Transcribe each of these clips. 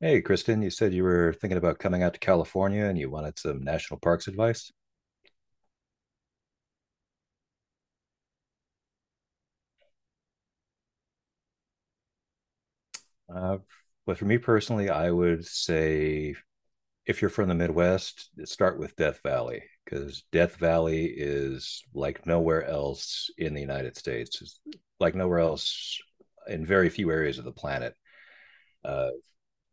Hey, Kristen, you said you were thinking about coming out to California and you wanted some national parks advice. Uh, but for me personally, I would say if you're from the Midwest, start with Death Valley because Death Valley is like nowhere else in the United States. It's like nowhere else in very few areas of the planet. Uh,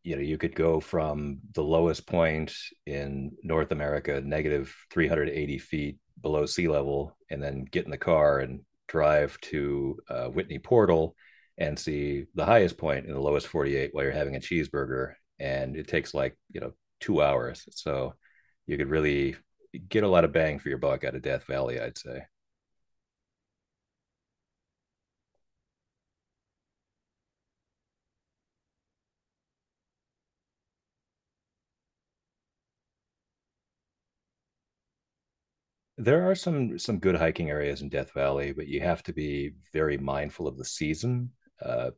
you could go from the lowest point in North America, negative 380 feet below sea level, and then get in the car and drive to Whitney Portal and see the highest point in the lowest 48 while you're having a cheeseburger, and it takes, like, 2 hours, so you could really get a lot of bang for your buck out of Death Valley, I'd say. There are some good hiking areas in Death Valley, but you have to be very mindful of the season. uh,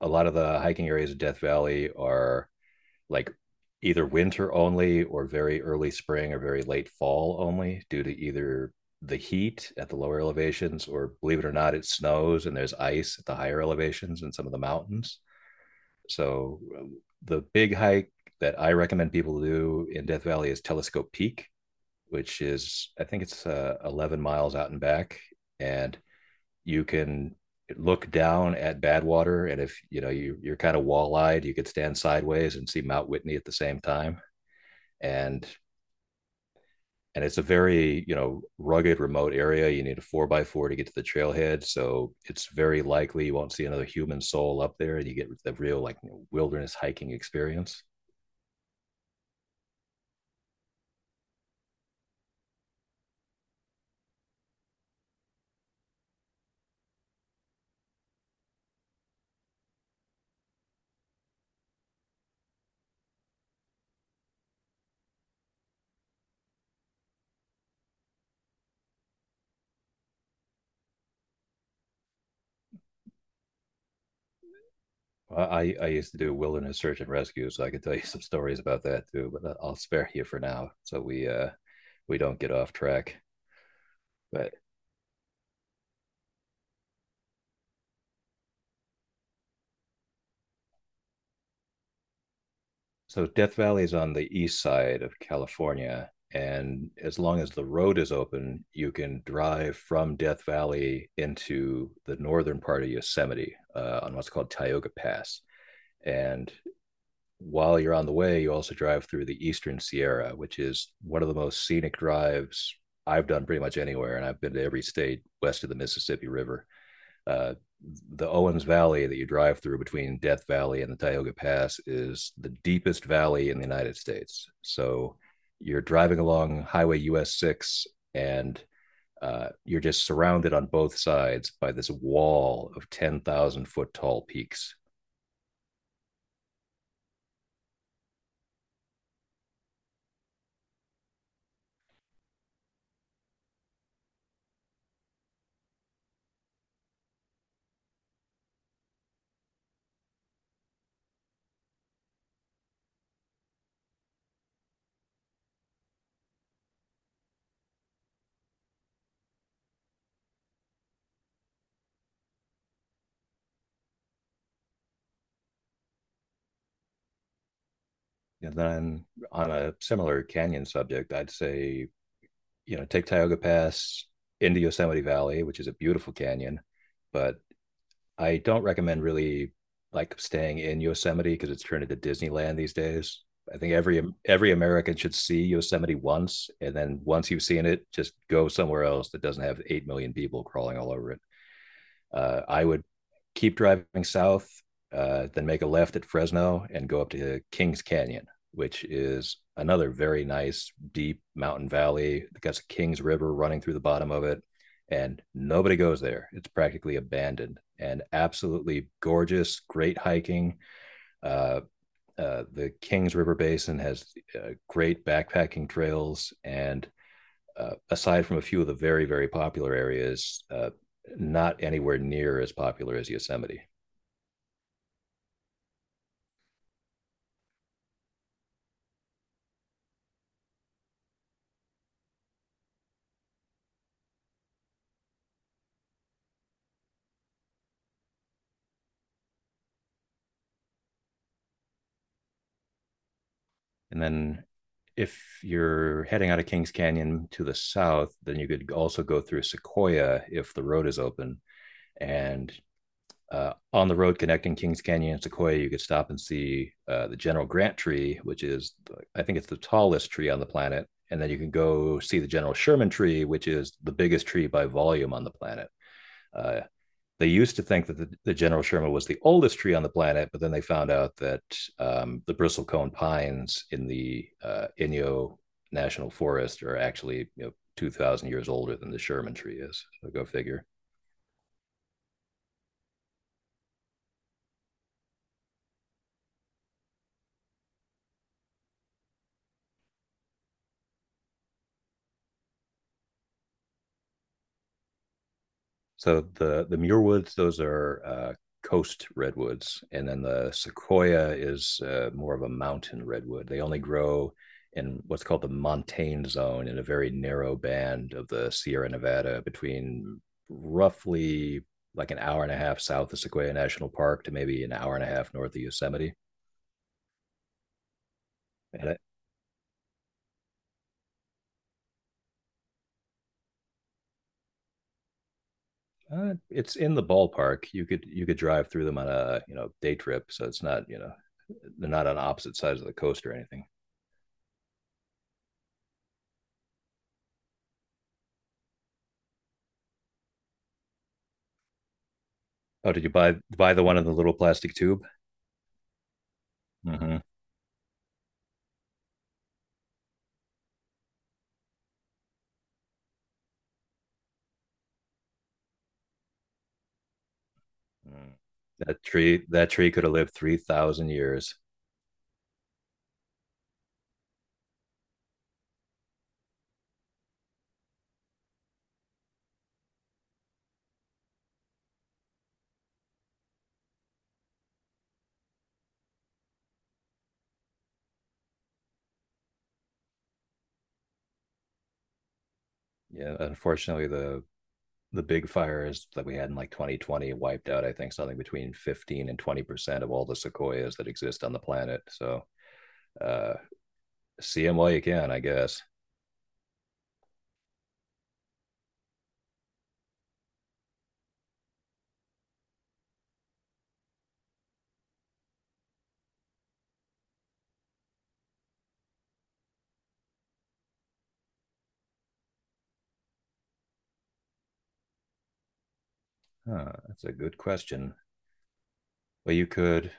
a lot of the hiking areas of Death Valley are, like, either winter only or very early spring or very late fall only, due to either the heat at the lower elevations or, believe it or not, it snows and there's ice at the higher elevations in some of the mountains. So the big hike that I recommend people do in Death Valley is Telescope Peak, which is, I think, it's 11 miles out and back, and you can look down at Badwater, and if you're kind of wall-eyed, you could stand sideways and see Mount Whitney at the same time. And and it's a very, rugged, remote area. You need a four by four to get to the trailhead, so it's very likely you won't see another human soul up there, and you get the real, like, wilderness hiking experience. Well, I used to do wilderness search and rescue, so I could tell you some stories about that too. But I'll spare you for now, so we don't get off track. But so Death Valley is on the east side of California, and as long as the road is open, you can drive from Death Valley into the northern part of Yosemite, on what's called Tioga Pass. And while you're on the way, you also drive through the Eastern Sierra, which is one of the most scenic drives I've done pretty much anywhere, and I've been to every state west of the Mississippi River. Uh, the Owens Valley that you drive through between Death Valley and the Tioga Pass is the deepest valley in the United States. So you're driving along Highway US 6, and you're just surrounded on both sides by this wall of 10,000 foot tall peaks. And then, on a similar canyon subject, I'd say, you know, take Tioga Pass into Yosemite Valley, which is a beautiful canyon, but I don't recommend really, like, staying in Yosemite because it's turned into Disneyland these days. I think every American should see Yosemite once, and then once you've seen it, just go somewhere else that doesn't have 8 million people crawling all over it. I would keep driving south, then make a left at Fresno and go up to Kings Canyon, which is another very nice deep mountain valley. It got a Kings River running through the bottom of it, and nobody goes there. It's practically abandoned and absolutely gorgeous, great hiking. Uh, the Kings River Basin has great backpacking trails, and aside from a few of the very, very popular areas, not anywhere near as popular as Yosemite. And then if you're heading out of Kings Canyon to the south, then you could also go through Sequoia if the road is open. And on the road connecting Kings Canyon and Sequoia, you could stop and see the General Grant tree, which is, I think, it's the tallest tree on the planet. And then you can go see the General Sherman tree, which is the biggest tree by volume on the planet. Uh, they used to think that the General Sherman was the oldest tree on the planet, but then they found out that the bristlecone pines in the Inyo National Forest are actually, 2,000 years older than the Sherman tree is. So go figure. So the Muir Woods, those are coast redwoods, and then the sequoia is more of a mountain redwood. They only grow in what's called the montane zone in a very narrow band of the Sierra Nevada between, roughly, like, an hour and a half south of Sequoia National Park to maybe an hour and a half north of Yosemite. And it, it's in the ballpark. You could drive through them on a, day trip, so it's not, they're not on opposite sides of the coast or anything. Oh, did you buy the one in the little plastic tube? Mm-hmm. That tree could have lived 3,000 years. Yeah, unfortunately, the big fires that we had in, like, 2020 wiped out, I think, something between 15 and 20% of all the sequoias that exist on the planet. So uh, see them while you can, I guess. Huh, that's a good question. Well, you could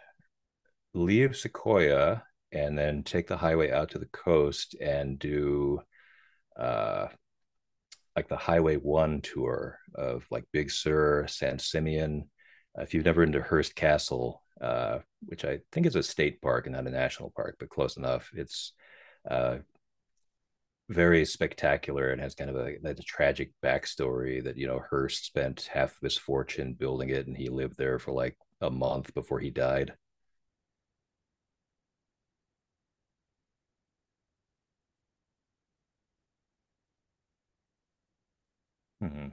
leave Sequoia and then take the highway out to the coast and do, uh, like, the Highway One tour of, like, Big Sur, San Simeon. If you've never been to Hearst Castle, which I think is a state park and not a national park, but close enough, it's uh, very spectacular and has kind of a, like, a tragic backstory that, you know, Hearst spent half of his fortune building it, and he lived there for like a month before he died. Mm-hmm.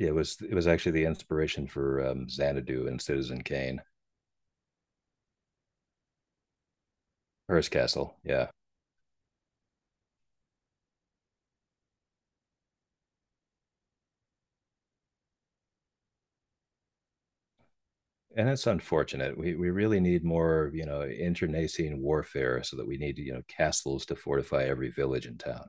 It was actually the inspiration for Xanadu and Citizen Kane. Hearst Castle, yeah. And it's unfortunate. We really need more, you know, internecine warfare, so that we need, you know, castles to fortify every village and town.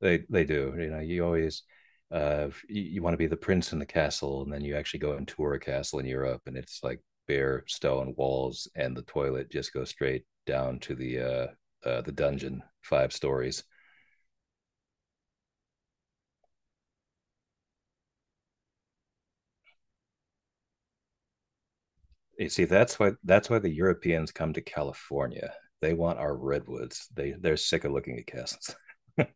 They do. You know, you always, you want to be the prince in the castle, and then you actually go and tour a castle in Europe and it's like bare stone walls and the toilet just goes straight down to the, the dungeon 5 stories. You see, that's why the Europeans come to California. They want our redwoods. They're sick of looking at castles.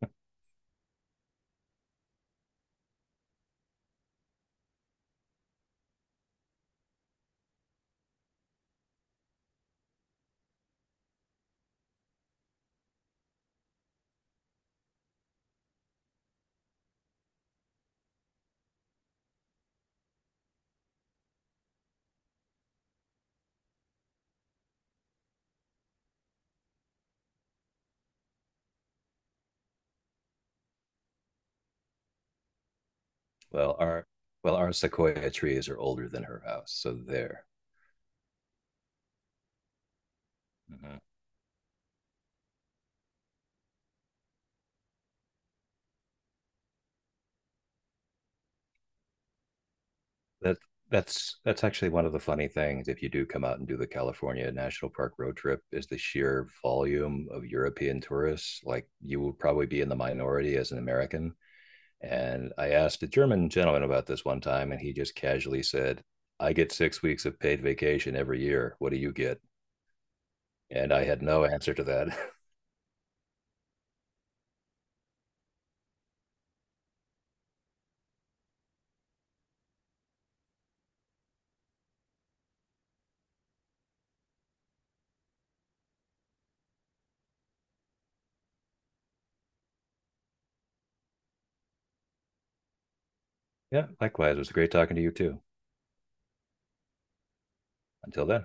Well, our well, our sequoia trees are older than her house, so there. Mhm. That that's actually one of the funny things. If you do come out and do the California National Park road trip, is the sheer volume of European tourists. Like, you will probably be in the minority as an American. And I asked a German gentleman about this one time, and he just casually said, "I get 6 weeks of paid vacation every year. What do you get?" And I had no answer to that. Yeah, likewise. It was great talking to you too. Until then.